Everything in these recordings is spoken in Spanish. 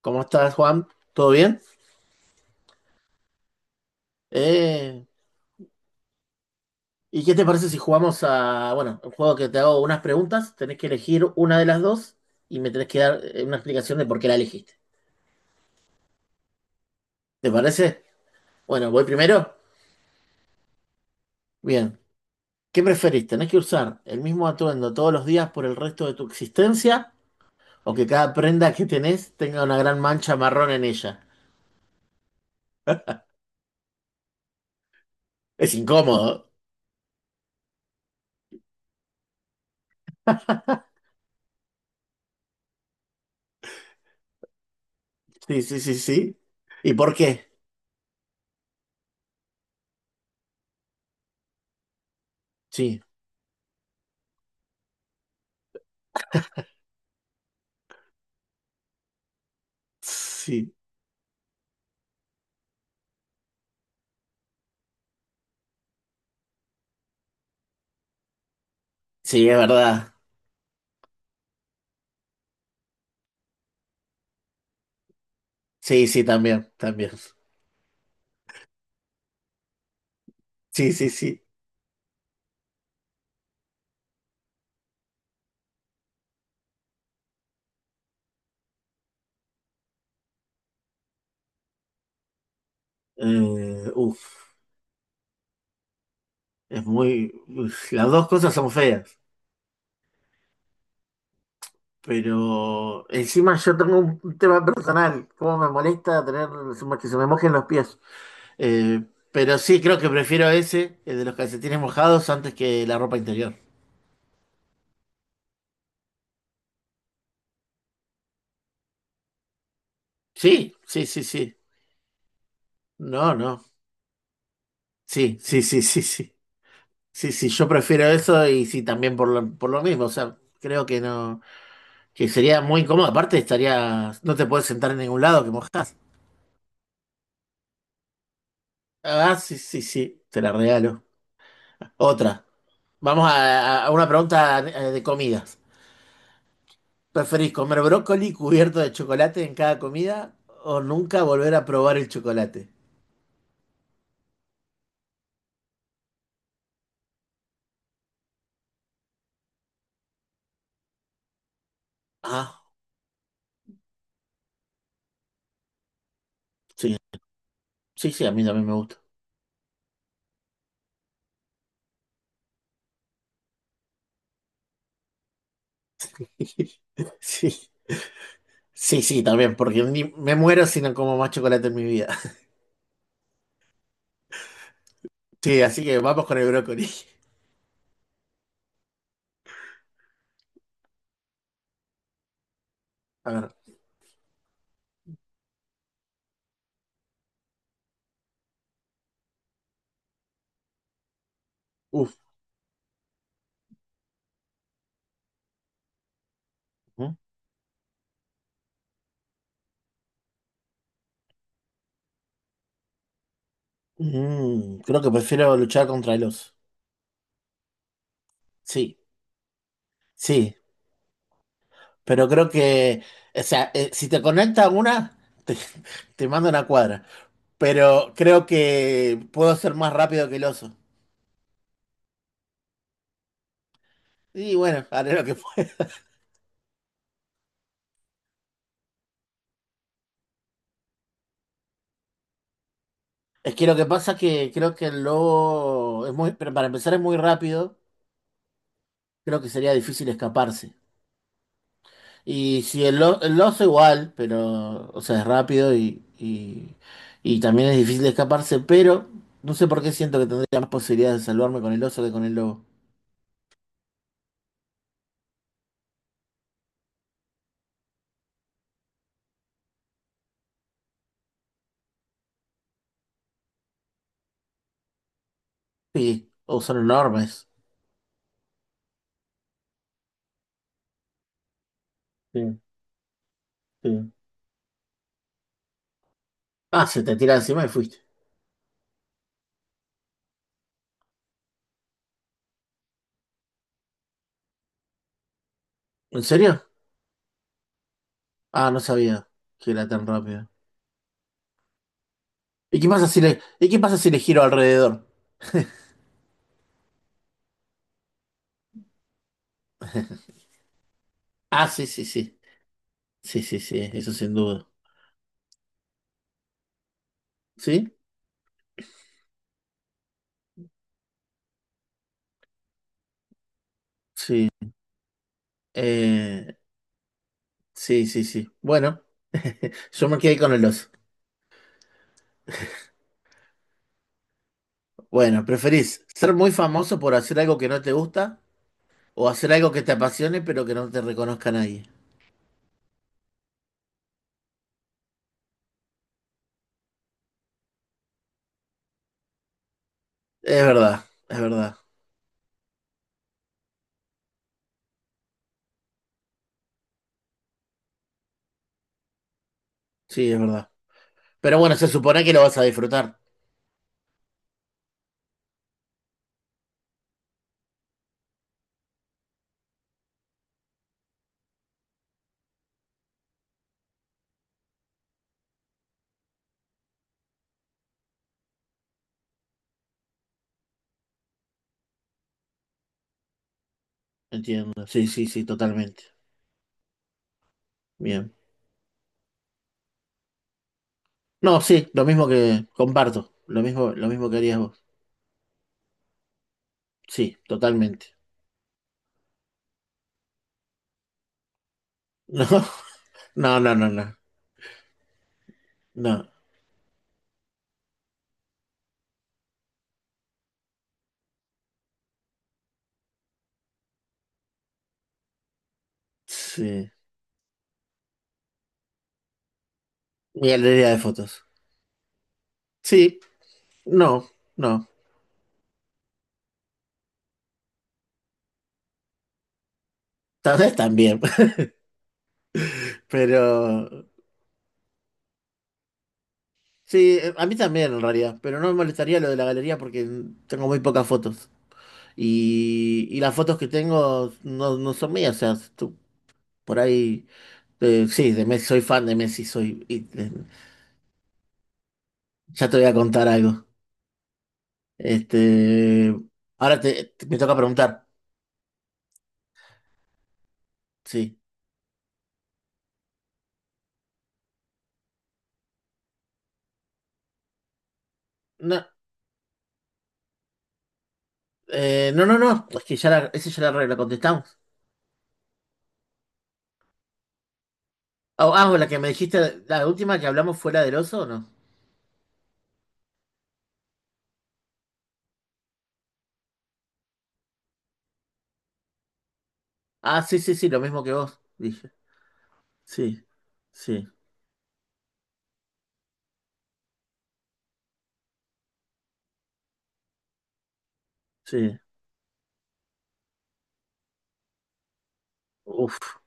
¿Cómo estás, Juan? ¿Todo bien? Eh, ¿Y qué te parece si jugamos a, bueno, un juego que te hago unas preguntas, tenés que elegir una de las dos y me tenés que dar una explicación de por qué la elegiste. ¿Te parece? Bueno, voy primero. Bien. ¿Qué preferís? ¿Tenés que usar el mismo atuendo todos los días por el resto de tu existencia o que cada prenda que tenés tenga una gran mancha marrón en ella? Es incómodo. Sí, sí, sí, sí. ¿Y por qué? Sí, sí. Sí, es verdad. Sí, sí, también, también. Sí, sí, sí. Eh, uf, es muy uf, las dos cosas son feas, pero encima yo tengo un tema personal, cómo me molesta tener que se me mojen los pies. Eh, pero sí, creo que prefiero ese, el de los calcetines mojados, antes que la ropa interior. Sí, sí, sí, sí. No, no. Sí, sí, sí, sí, sí. Sí, sí, yo prefiero eso y sí, también por lo mismo. O sea, creo que no, que sería muy incómodo. Aparte, estaría, no te puedes sentar en ningún lado que mojás. Ah, sí, sí, sí, te la regalo. Otra. Vamos a una pregunta de comidas. ¿Preferís comer brócoli cubierto de chocolate en cada comida o nunca volver a probar el chocolate? Ah, sí, sí, sí, a mí también me gusta. Sí, sí, sí, también, porque me muero si no como más chocolate en mi vida. Sí, así que vamos con el brócoli. A ver, uf. Mm, Creo que prefiero luchar contra el oso. Sí, sí. Pero creo que, o sea, si te conecta una, te, te mando una cuadra. Pero creo que puedo ser más rápido que el oso. Y bueno, haré lo que pueda. Es que lo que pasa es que creo que el lobo es muy, pero para empezar es muy rápido, creo que sería difícil escaparse. Y si el oso igual, pero, o sea, es rápido y también es difícil escaparse, pero no sé por qué siento que tendría más posibilidades de salvarme con el oso que con el lobo. Sí, o son enormes. Sí, sí. Ah, se te tira encima y fuiste. ¿En serio? Ah, no sabía que era tan rápido. ¿Y qué pasa si le giro alrededor? Ah, sí, sí, sí. Sí, sí, sí, eso sin duda. ¿Sí? Sí. Eh, sí, sí, sí. Bueno, yo me quedé con el oso. Bueno, ¿preferís ser muy famoso por hacer algo que no te gusta o hacer algo que te apasione pero que no te reconozca nadie? Es verdad, es verdad. Sí, es verdad. Pero bueno, se supone que lo vas a disfrutar. Entiendo. Sí, sí, sí, totalmente. Bien. No, sí, lo mismo que comparto, lo mismo que harías vos. Sí, totalmente. No, no, no, no, no. No. Sí. Mi galería de fotos. Sí, no, no. Tal vez también. Pero sí, a mí también en realidad. Pero no me molestaría lo de la galería porque tengo muy pocas fotos. Y las fotos que tengo no, no son mías. O sea, tú, por ahí. Sí, de Messi, soy fan de Messi, soy. Ya te voy a contar algo. Este, Ahora me toca preguntar. Sí. No, no, no, no. Es que ya la, esa ya la contestamos. Ah, ah, la que me dijiste, la última que hablamos fue la del oso, ¿o no? Ah, sí, sí, sí, lo mismo que vos, dije. Sí, sí, sí. Uf.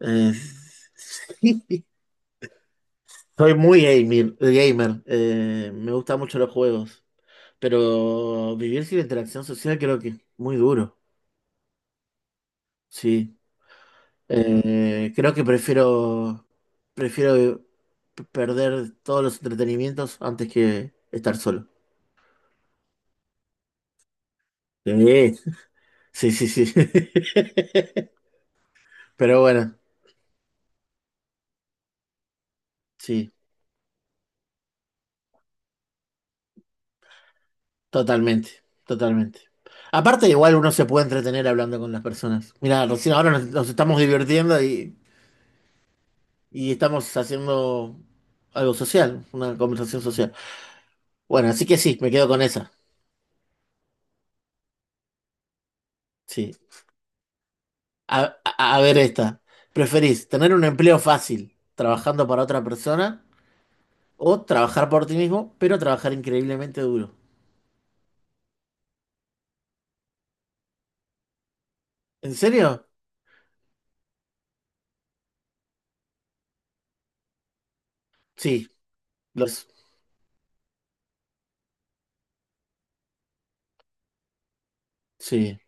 Eh, sí. Soy muy gamer. Me gustan mucho los juegos. Pero vivir sin interacción social creo que es muy duro. Sí. Creo que prefiero perder todos los entretenimientos antes que estar solo. Sí, sí, sí, sí. Pero bueno, sí, totalmente, totalmente. Aparte, igual uno se puede entretener hablando con las personas. Mira, recién ahora nos estamos divirtiendo y estamos haciendo algo social, una conversación social. Bueno, así que sí, me quedo con esa. Sí. A, a ver esta. ¿Preferís tener un empleo fácil trabajando para otra persona o trabajar por ti mismo, pero trabajar increíblemente duro? ¿En serio? Sí, los... Sí,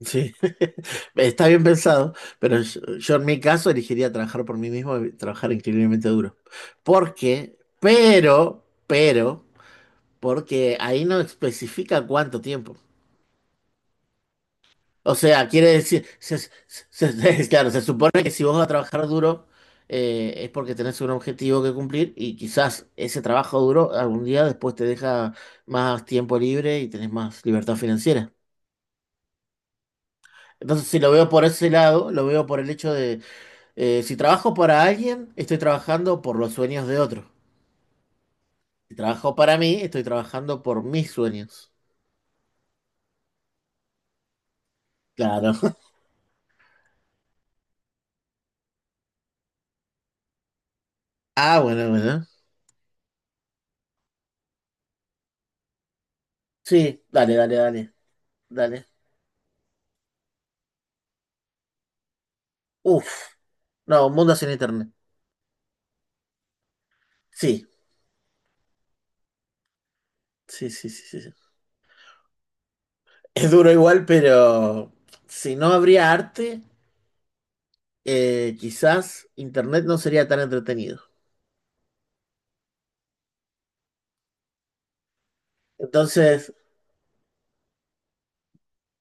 sí. Está bien pensado, pero yo en mi caso elegiría trabajar por mí mismo y trabajar increíblemente duro. Porque, pero, porque ahí no especifica cuánto tiempo. O sea, quiere decir, claro, se supone que si vos vas a trabajar duro es porque tenés un objetivo que cumplir y quizás ese trabajo duro algún día después te deja más tiempo libre y tenés más libertad financiera. Entonces, si lo veo por ese lado, lo veo por el hecho de, si trabajo para alguien, estoy trabajando por los sueños de otro. Si trabajo para mí, estoy trabajando por mis sueños. Claro. Ah, bueno, bueno. Sí, dale, dale, dale, dale. Uf, no, un mundo sin internet. Sí, sí, sí, sí, sí. Sí. Es duro igual, pero si no habría arte, quizás Internet no sería tan entretenido. Entonces,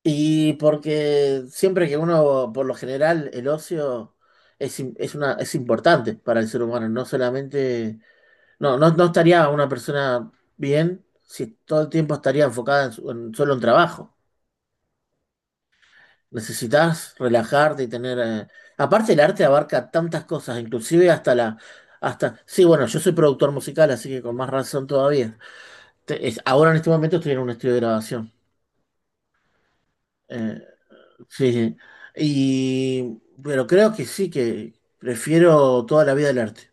y porque siempre que uno, por lo general, el ocio es una, es importante para el ser humano, no solamente, no, no, no estaría una persona bien si todo el tiempo estaría enfocada en en solo en trabajo. Necesitas relajarte y tener aparte el arte abarca tantas cosas, inclusive hasta la... Hasta... Sí, bueno, yo soy productor musical, así que con más razón todavía. Ahora en este momento estoy en un estudio de grabación. Eh, sí, sí. Y... Pero creo que sí, que prefiero toda la vida el arte.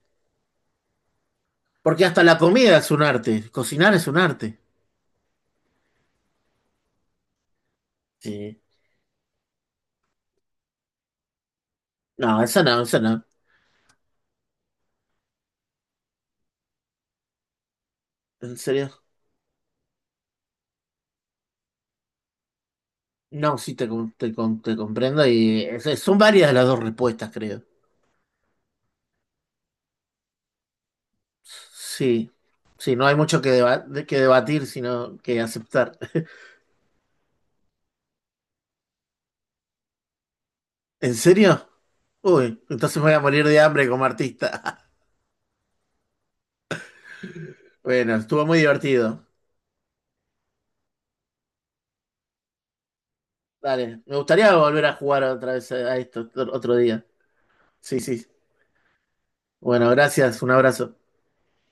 Porque hasta la comida es un arte, cocinar es un arte. Sí. No, esa no, esa no. ¿En serio? No, sí, te comprendo y son varias las dos respuestas, creo. Sí, sí, no hay mucho que que debatir, sino que aceptar. ¿En serio? Uy, entonces me voy a morir de hambre como artista. Bueno, estuvo muy divertido. Dale, me gustaría volver a jugar otra vez a esto otro otro día. Sí, sí. Bueno, gracias, un abrazo.